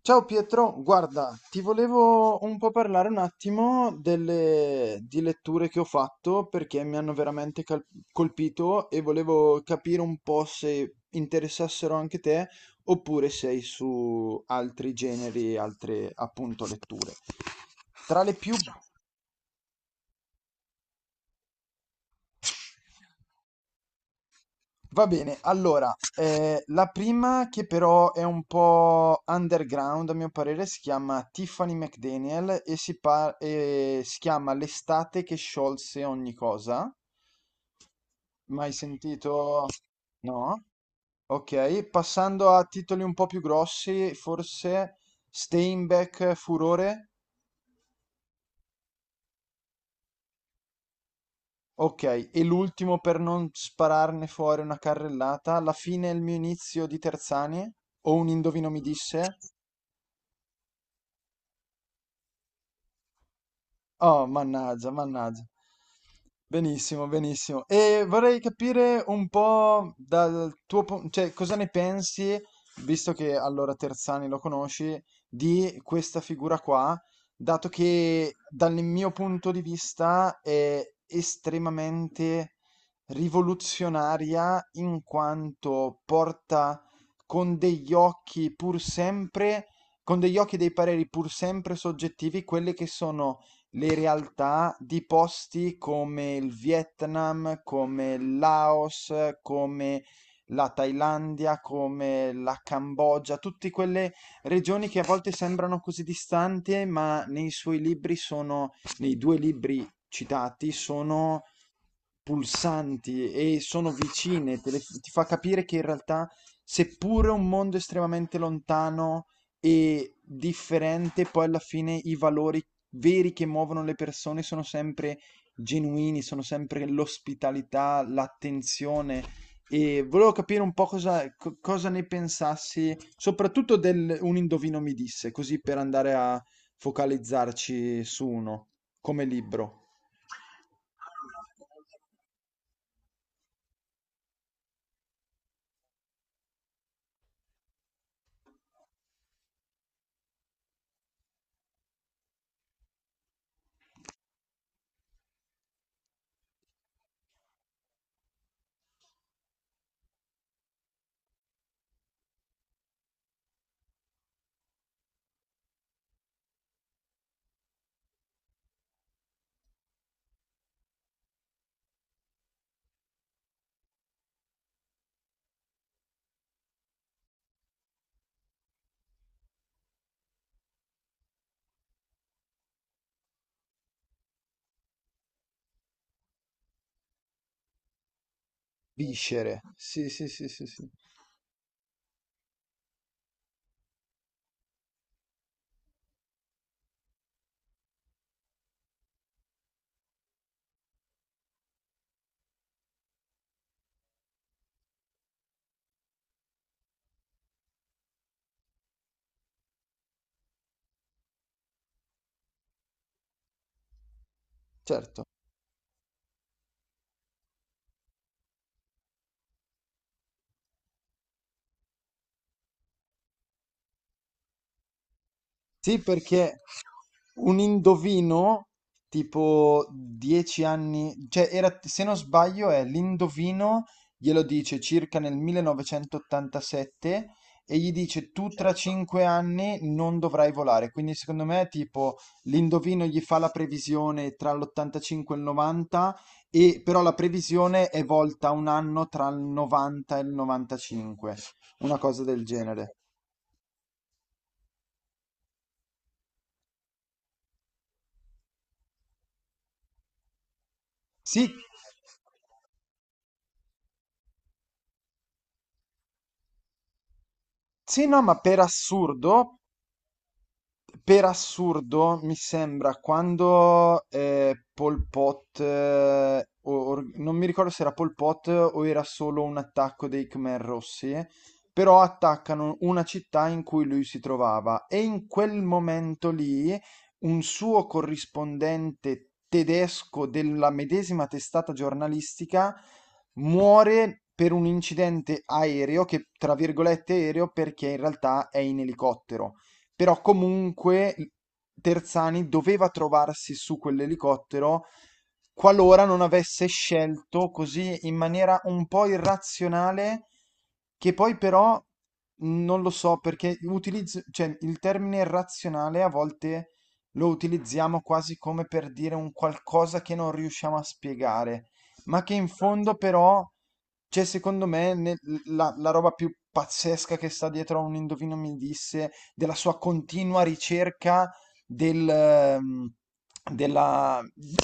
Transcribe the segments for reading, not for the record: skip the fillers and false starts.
Ciao Pietro, guarda, ti volevo un po' parlare un attimo di letture che ho fatto perché mi hanno veramente colpito e volevo capire un po' se interessassero anche te oppure sei su altri generi, altre appunto letture. Tra le più. Va bene, allora, la prima che però è un po' underground a mio parere si chiama Tiffany McDaniel e si chiama L'estate che sciolse ogni cosa. Mai sentito? No? Ok, passando a titoli un po' più grossi, forse Steinbeck Furore? Ok, e l'ultimo per non spararne fuori una carrellata, la fine è il mio inizio di Terzanie? O un indovino mi disse? Oh, mannaggia, mannaggia. Benissimo, benissimo. E vorrei capire un po' dal tuo punto, cioè cosa ne pensi, visto che allora Terzani lo conosci, di questa figura qua, dato che dal mio punto di vista è estremamente rivoluzionaria in quanto porta con degli occhi pur sempre, con degli occhi e dei pareri pur sempre soggettivi, quelle che sono le realtà di posti come il Vietnam, come il Laos, come la Thailandia, come la Cambogia, tutte quelle regioni che a volte sembrano così distanti, ma nei suoi libri sono, nei due libri citati, sono pulsanti e sono vicine, ti fa capire che in realtà, seppure un mondo estremamente lontano e differente, poi alla fine i valori veri che muovono le persone sono sempre genuini, sono sempre l'ospitalità, l'attenzione. E volevo capire un po' cosa, cosa ne pensassi, soprattutto del Un indovino mi disse, così per andare a focalizzarci su uno, come libro. Viscere, sì, sì, sì, sì, sì. Certo. Sì, perché un indovino tipo 10 anni, cioè era, se non sbaglio è l'indovino, glielo dice circa nel 1987 e gli dice tu tra, certo, 5 anni non dovrai volare. Quindi secondo me tipo l'indovino gli fa la previsione tra l'85 e il 90 e però la previsione è volta un anno tra il 90 e il 95, una cosa del genere. Sì, sì, no, ma per assurdo, mi sembra quando Pol Pot, non mi ricordo se era Pol Pot o era solo un attacco dei Khmer Rossi, però attaccano una città in cui lui si trovava e in quel momento lì un suo corrispondente tedesco della medesima testata giornalistica muore per un incidente aereo, che tra virgolette aereo perché in realtà è in elicottero, però comunque Terzani doveva trovarsi su quell'elicottero qualora non avesse scelto così in maniera un po' irrazionale, che poi però non lo so perché utilizzo, cioè, il termine razionale a volte lo utilizziamo quasi come per dire un qualcosa che non riusciamo a spiegare, ma che in fondo però c'è secondo me la, la roba più pazzesca che sta dietro a un indovino mi disse della sua continua ricerca del... ehm, della...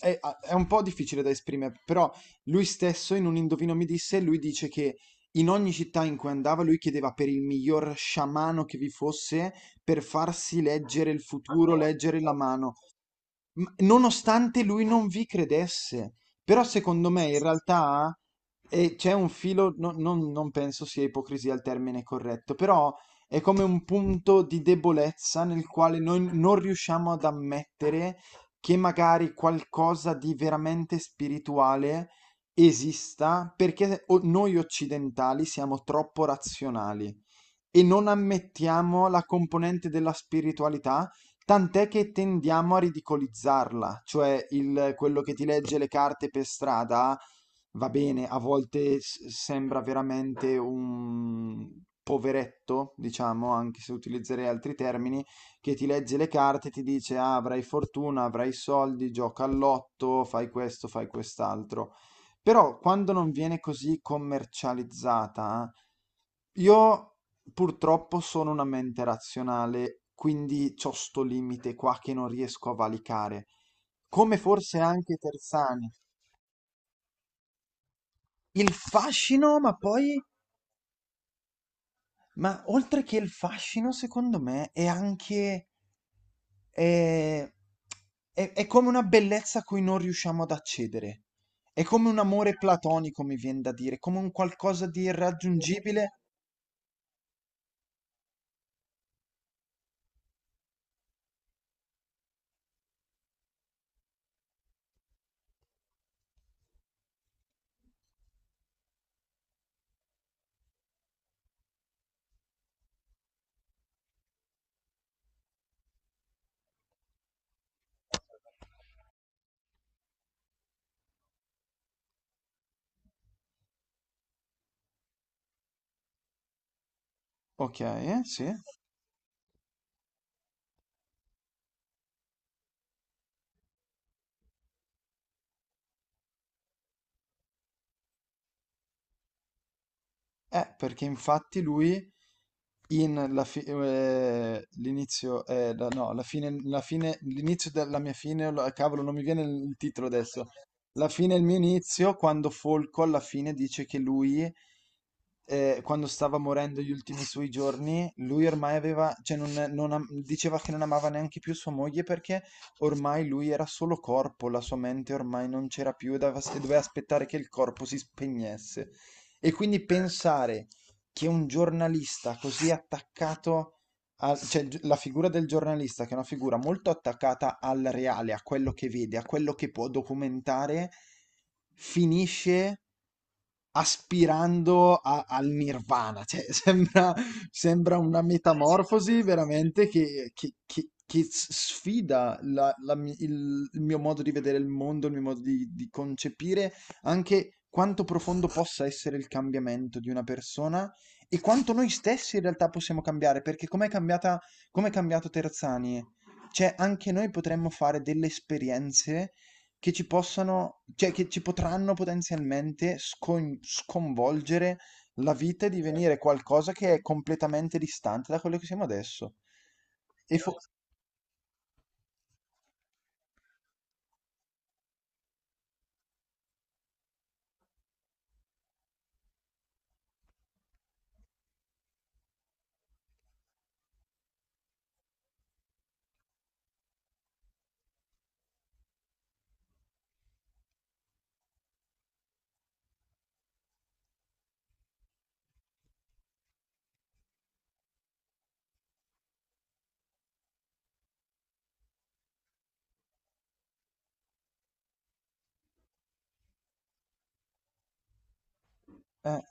È, è un po' difficile da esprimere, però lui stesso in un Indovino mi disse, lui dice che in ogni città in cui andava lui chiedeva per il miglior sciamano che vi fosse per farsi leggere il futuro, leggere la mano. Nonostante lui non vi credesse. Però secondo me in realtà c'è un filo, non penso sia ipocrisia il termine corretto, però è come un punto di debolezza nel quale noi non riusciamo ad ammettere che magari qualcosa di veramente spirituale esista perché noi occidentali siamo troppo razionali e non ammettiamo la componente della spiritualità, tant'è che tendiamo a ridicolizzarla, cioè quello che ti legge le carte per strada, va bene, a volte sembra veramente un poveretto, diciamo, anche se utilizzerei altri termini, che ti legge le carte e ti dice "Ah, avrai fortuna, avrai soldi, gioca all'otto, fai questo, fai quest'altro". Però quando non viene così commercializzata, io purtroppo sono una mente razionale, quindi c'ho sto limite qua che non riesco a valicare. Come forse anche Terzani. Il fascino, ma poi, ma oltre che il fascino, secondo me, è anche, eh, è come una bellezza a cui non riusciamo ad accedere. È come un amore platonico, mi viene da dire, come un qualcosa di irraggiungibile. Ok, sì. Perché infatti lui l'inizio, no, la fine, l'inizio della mia fine, cavolo, non mi viene il titolo adesso. La fine è il mio inizio, quando Folco alla fine dice che lui, quando stava morendo gli ultimi suoi giorni, lui ormai aveva, cioè non, non am- diceva che non amava neanche più sua moglie perché ormai lui era solo corpo, la sua mente ormai non c'era più doveva aspettare che il corpo si spegnesse. E quindi pensare che un giornalista così attaccato cioè la figura del giornalista che è una figura molto attaccata al reale, a quello che vede, a quello che può documentare, finisce aspirando al nirvana, cioè sembra una metamorfosi veramente che, sfida il mio modo di vedere il mondo, il mio modo di concepire anche quanto profondo possa essere il cambiamento di una persona e quanto noi stessi in realtà possiamo cambiare, perché com'è cambiato Terzani? Cioè, anche noi potremmo fare delle esperienze che ci possano cioè che ci potranno potenzialmente sconvolgere la vita e divenire qualcosa che è completamente distante da quello che siamo adesso. E fo- eh,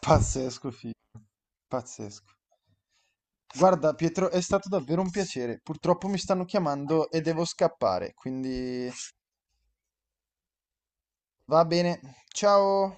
pazzesco, figlio, pazzesco. Guarda, Pietro, è stato davvero un piacere. Purtroppo mi stanno chiamando e devo scappare, quindi va bene. Ciao!